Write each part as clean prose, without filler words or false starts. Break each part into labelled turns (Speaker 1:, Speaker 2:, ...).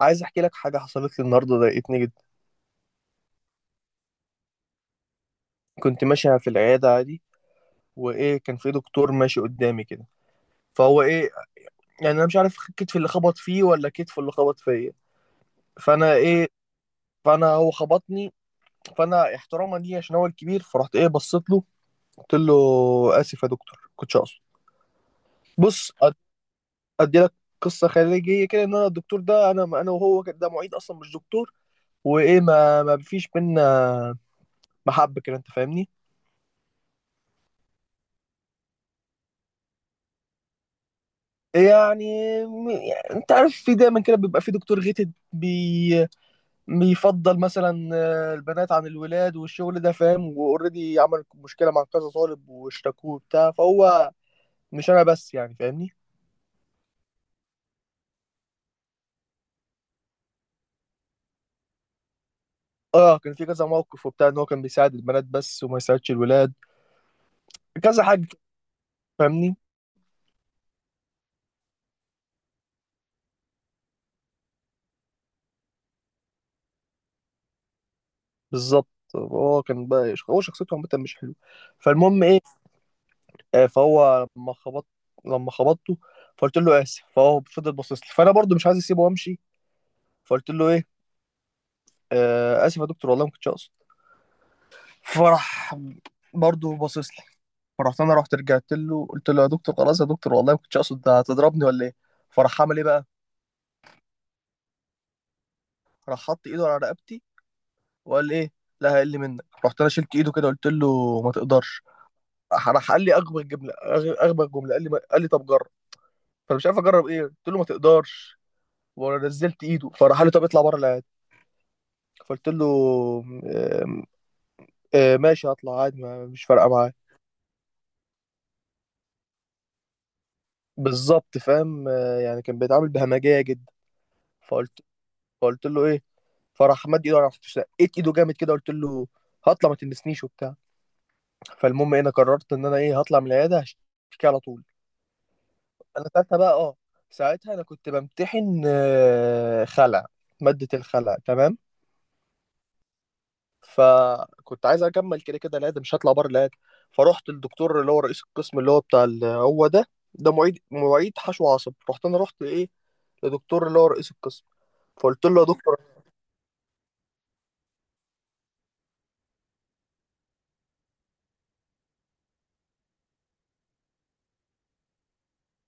Speaker 1: عايز احكي لك حاجه حصلت لي النهارده ضايقتني جدا. كنت ماشي في العياده عادي، وايه كان في دكتور ماشي قدامي كده. فهو ايه، يعني انا مش عارف كتفي اللي خبط فيه ولا كتفه اللي خبط فيا. فانا ايه، فانا هو خبطني. فانا احتراما ليه عشان هو الكبير، فرحت ايه بصيت له قلت له: اسف يا دكتور، كنتش اقصد. بص ادي لك قصه خارجيه كده، ان انا الدكتور ده، انا وهو كده، ده معيد اصلا مش دكتور. وايه، ما فيش بينا محبه كده، انت فاهمني. يعني يعني انت عارف، في دايما كده بيبقى في دكتور غيتد بي. بيفضل مثلا البنات عن الولاد والشغل ده، فاهم. واوريدي عمل مشكله مع كذا طالب واشتكوه وبتاع. فهو مش انا بس، يعني فاهمني. اه، كان في كذا موقف وبتاع، ان هو كان بيساعد البنات بس وما يساعدش الولاد. كذا حاجه، فاهمني. بالظبط. هو كان بقى، هو شخصيته عامه مش حلوه. فالمهم ايه، فهو لما خبطته فقلت له اسف. فهو فضل باصص لي، فانا برضو مش عايز اسيبه وامشي. فقلت له ايه: آه، اسف يا دكتور، والله ما كنتش اقصد. فراح برضه باصص لي. فرحت انا، رحت رجعت له قلت له: يا دكتور، خلاص يا دكتور، والله ما كنتش اقصد. ده هتضربني ولا ايه؟ فراح عمل ايه بقى، راح حط ايده على رقبتي وقال ايه: لا هيقل منك. رحت انا شلت ايده كده، قلت له: ما تقدرش. راح قال لي اغبى جمله، اغبى جمله قال لي قال لي: طب جرب. فانا مش عارف اجرب ايه، قلت له: ما تقدرش. ونزلت ايده. فراح قال لي: طب اطلع بره العيادة. فقلت له: آم، آم، ماشي، هطلع عادي، مش فارقه معايا. بالظبط فاهم، يعني كان بيتعامل بهمجيه جدا. فقلت فقلت له ايه. فراح مد ايده، راح شقيت ايده جامد كده، قلت له: هطلع، ما تلمسنيش وبتاع. فالمهم انا قررت ان انا ايه هطلع من العياده، هشتكي على طول. انا ساعتها بقى اه، ساعتها انا كنت بمتحن خلع، ماده الخلع، تمام. فكنت عايز اكمل كده كده العياده، مش هطلع بره العياده. فرحت الدكتور اللي هو رئيس القسم، اللي هو بتاع هو ده. ده معيد، معيد حشو عصب. رحت انا، رحت ايه لدكتور اللي هو رئيس القسم. فقلت له: يا دكتور،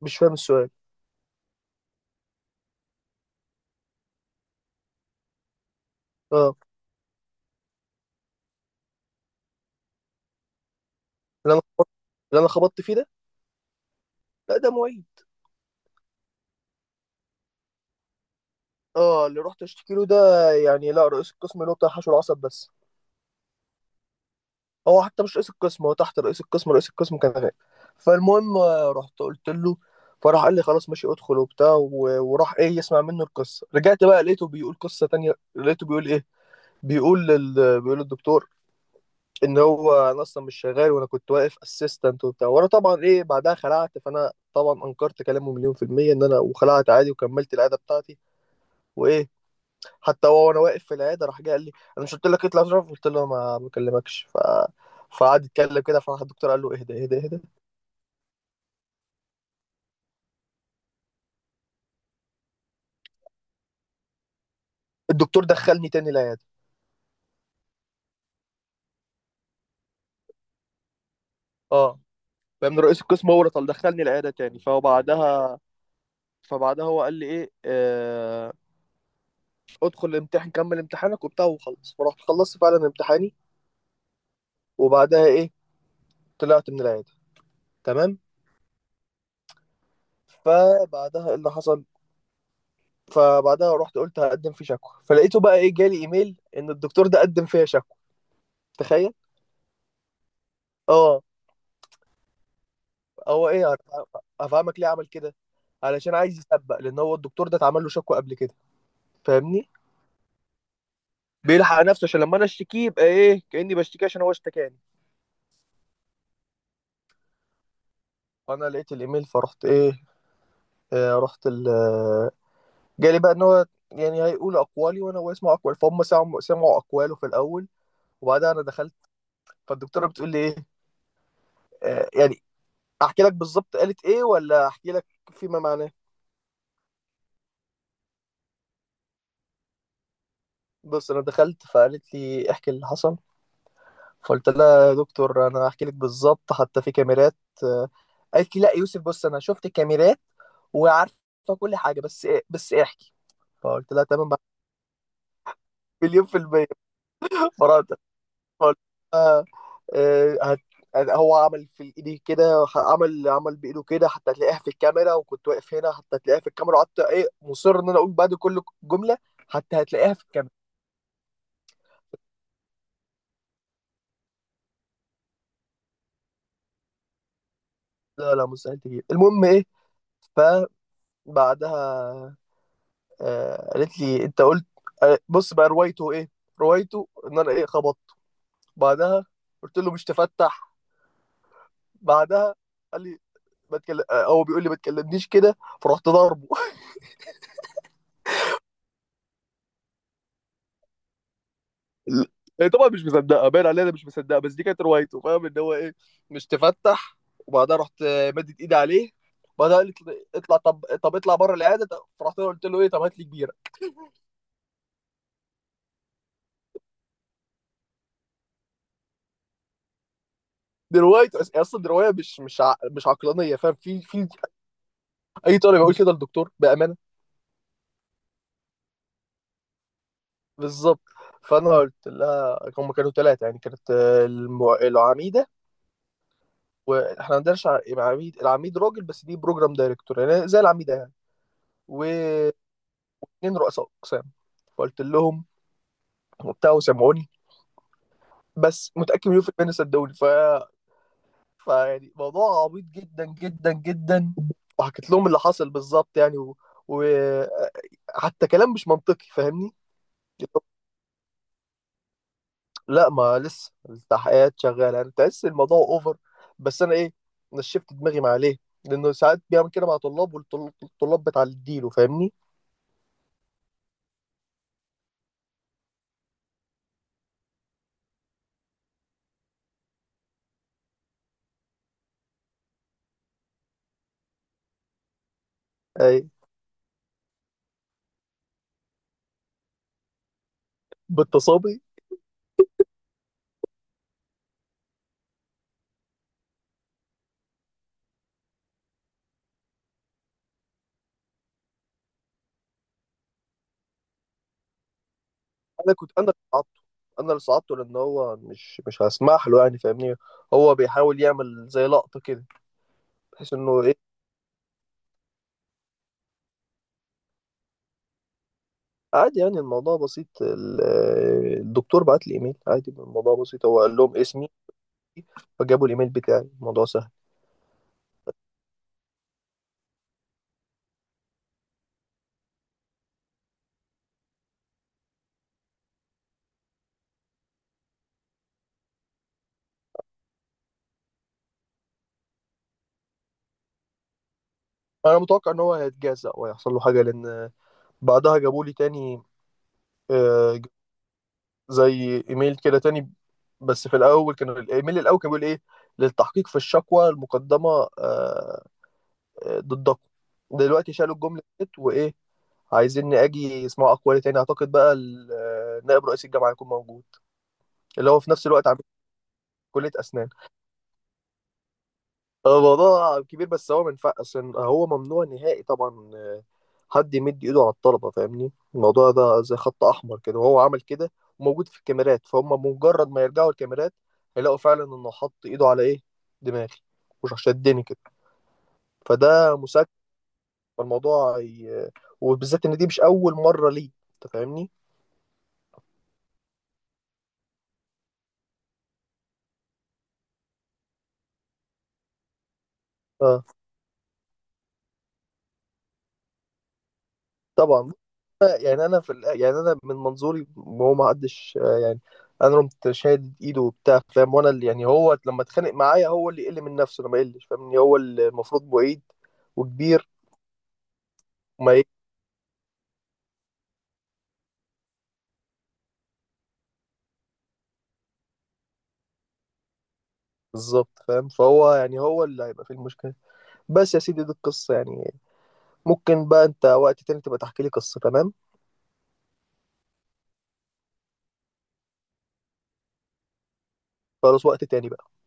Speaker 1: مش فاهم السؤال. اه اللي انا اللي انا خبطت فيه ده. لا ده معيد. اه اللي رحت اشتكي له ده، يعني لا، رئيس القسم اللي هو بتاع حشو العصب بس. هو حتى مش رئيس القسم، هو تحت رئيس القسم. رئيس القسم كان غايب. فالمهم رحت قلت له. فراح قال لي: خلاص ماشي ادخل وبتاع. وراح ايه يسمع منه القصه. رجعت بقى لقيته بيقول قصه تانية، لقيته بيقول ايه، بيقول للدكتور ان هو انا اصلا مش شغال، وانا كنت واقف اسيستنت وبتاع. وانا طبعا ايه، بعدها خلعت. فانا طبعا انكرت كلامه 1,000,000% ان انا، وخلعت عادي وكملت العياده بتاعتي. وايه، حتى هو، وانا واقف في العياده، راح جه قال لي: انا مش قلت لك اطلع؟ اشرف قلت له: ما بكلمكش. ف فقعد يتكلم كده. فراح الدكتور قال له: اهدى اهدى اهدى. الدكتور دخلني تاني العياده، اه، فاهم، رئيس القسم هو اللي طل دخلني العياده تاني. فبعدها هو قال لي ايه: ادخل الامتحان كمل امتحانك وبتاع وخلص. فرحت خلصت فعلا امتحاني، وبعدها ايه طلعت من العياده. تمام. فبعدها ايه اللي حصل، فبعدها رحت قلت: هقدم في شكوى. فلقيته بقى ايه جالي ايميل، ان الدكتور ده قدم فيها شكوى. تخيل. اه، هو ايه، هفهمك ليه عمل كده. علشان عايز يسبق، لان هو الدكتور ده اتعمل له شكوى قبل كده، فاهمني. بيلحق نفسه عشان لما انا اشتكيه يبقى ايه، كاني بشتكيه عشان هو اشتكاني. فانا لقيت الايميل، فرحت ايه. آه رحت ال آه، جالي بقى ان هو يعني هيقول اقوالي، وانا هو يسمع اقوال. فهم سمعوا، سمعوا اقواله في الاول، وبعدها انا دخلت. فالدكتوره بتقول لي ايه: يعني احكي لك بالظبط قالت ايه، ولا احكي لك فيما معناه. بص انا دخلت، فقالت لي: احكي اللي حصل. فقلت لها: يا دكتور انا هحكي لك بالظبط، حتى في كاميرات. آه، قالت لي: لا يوسف، بص انا شفت الكاميرات وعارفه كل حاجه، بس إيه، احكي. فقلت لها: تمام، 1,000,000%. فرحت فقلت لها، آه، هت... يعني هو عمل في ايدي كده، عمل بايده كده، حتى تلاقيها في الكاميرا، وكنت واقف هنا حتى تلاقيها في الكاميرا. وقعدت ايه مصر ان انا اقول بعد كل جمله: حتى هتلاقيها في الكاميرا. لا لا مستحيل تجيب. المهم ايه، فبعدها آه قالت لي: انت قلت. آه بص بقى روايته ايه، روايته ان انا ايه خبطت. بعدها قلت له: مش تفتح. بعدها قال لي: ما تكلم آه، هو بيقول لي ما تكلمنيش كده. فرحت ضاربه. هي طبعا مش مصدقه، باين عليها إنها مش مصدقه، بس دي كانت روايته، فاهم، ان هو ايه: مش تفتح. وبعدها رحت مدت ايدي عليه. بعدها قالت لي: اطلع، طب اطلع بره العياده. فرحت له قلت له ايه: طب هات لي كبيره. دي روايه اصلا، دي روايه مش عقلانيه، فاهم. في اي طالب يقول كده للدكتور بامانه. بالظبط. فانا قلت لها: هم كانوا ثلاثه، يعني كانت العميده، واحنا ما عندناش عميد، العميد راجل، بس دي بروجرام دايركتور يعني زي العميده يعني، واثنين رؤساء اقسام. فقلت لهم وبتاع، وسمعوني. بس متأكد 1,000,000% إن صدقوني. ف فيعني موضوع عبيط جدا جدا جدا. وحكيت لهم اللي حصل بالظبط يعني، و... حتى كلام مش منطقي فاهمني. لا ما لسه التحقيقات شغاله. انا تحس الموضوع اوفر، بس انا ايه نشفت دماغي مع ليه لانه ساعات بيعمل كده مع طلاب والطلاب بتعديله، فاهمني. اي بالتصابي. انا كنت، انا اللي صعدته، انا اللي صعدته لان هو مش هسمح له يعني فاهمني. هو بيحاول يعمل زي لقطه كده، بحيث انه ايه. عادي يعني الموضوع بسيط. الدكتور بعت لي ايميل، عادي الموضوع بسيط، هو قال لهم اسمي، فجابوا الايميل بتاعي، الموضوع سهل. انا متوقع ان هو هيتجزأ وهيحصل له حاجه، لان بعدها جابوا لي تاني آه، زي ايميل كده تاني. بس في الاول كان الايميل الاول كان بيقول ايه: للتحقيق في الشكوى المقدمه آه، ضدكم. دلوقتي شالوا الجمله ديت، وايه عايزين اجي اسمعوا اقوالي تاني. اعتقد بقى نائب رئيس الجامعه هيكون موجود، اللي هو في نفس الوقت كلية أسنان. الموضوع كبير بس هو منفع، عشان هو ممنوع نهائي طبعا حد يمد إيده على الطلبة، فاهمني. الموضوع ده زي خط أحمر كده، وهو عمل كده، وموجود في الكاميرات. فهم مجرد ما يرجعوا الكاميرات هيلاقوا فعلا إنه حط إيده على إيه، دماغي، مش شدني كده، فده مسك. فالموضوع ي... وبالذات إن دي مش أول مرة ليه، أنت فاهمني؟ آه. طبعا. يعني انا في يعني انا من منظوري هو ما حدش يعني انا قمت شادد ايده وبتاع، فاهم، وانا اللي يعني هو لما اتخانق معايا هو اللي يقل من نفسه، انا ما يقلش، فاهمني. هو اللي المفروض بعيد وكبير وما يقل. بالظبط فاهم. فهو يعني هو اللي هيبقى في المشكله. بس يا سيدي دي القصه يعني. ممكن بقى انت وقت تاني تبقى تحكي لي قصه. تمام. خلاص، وقت تاني بقى.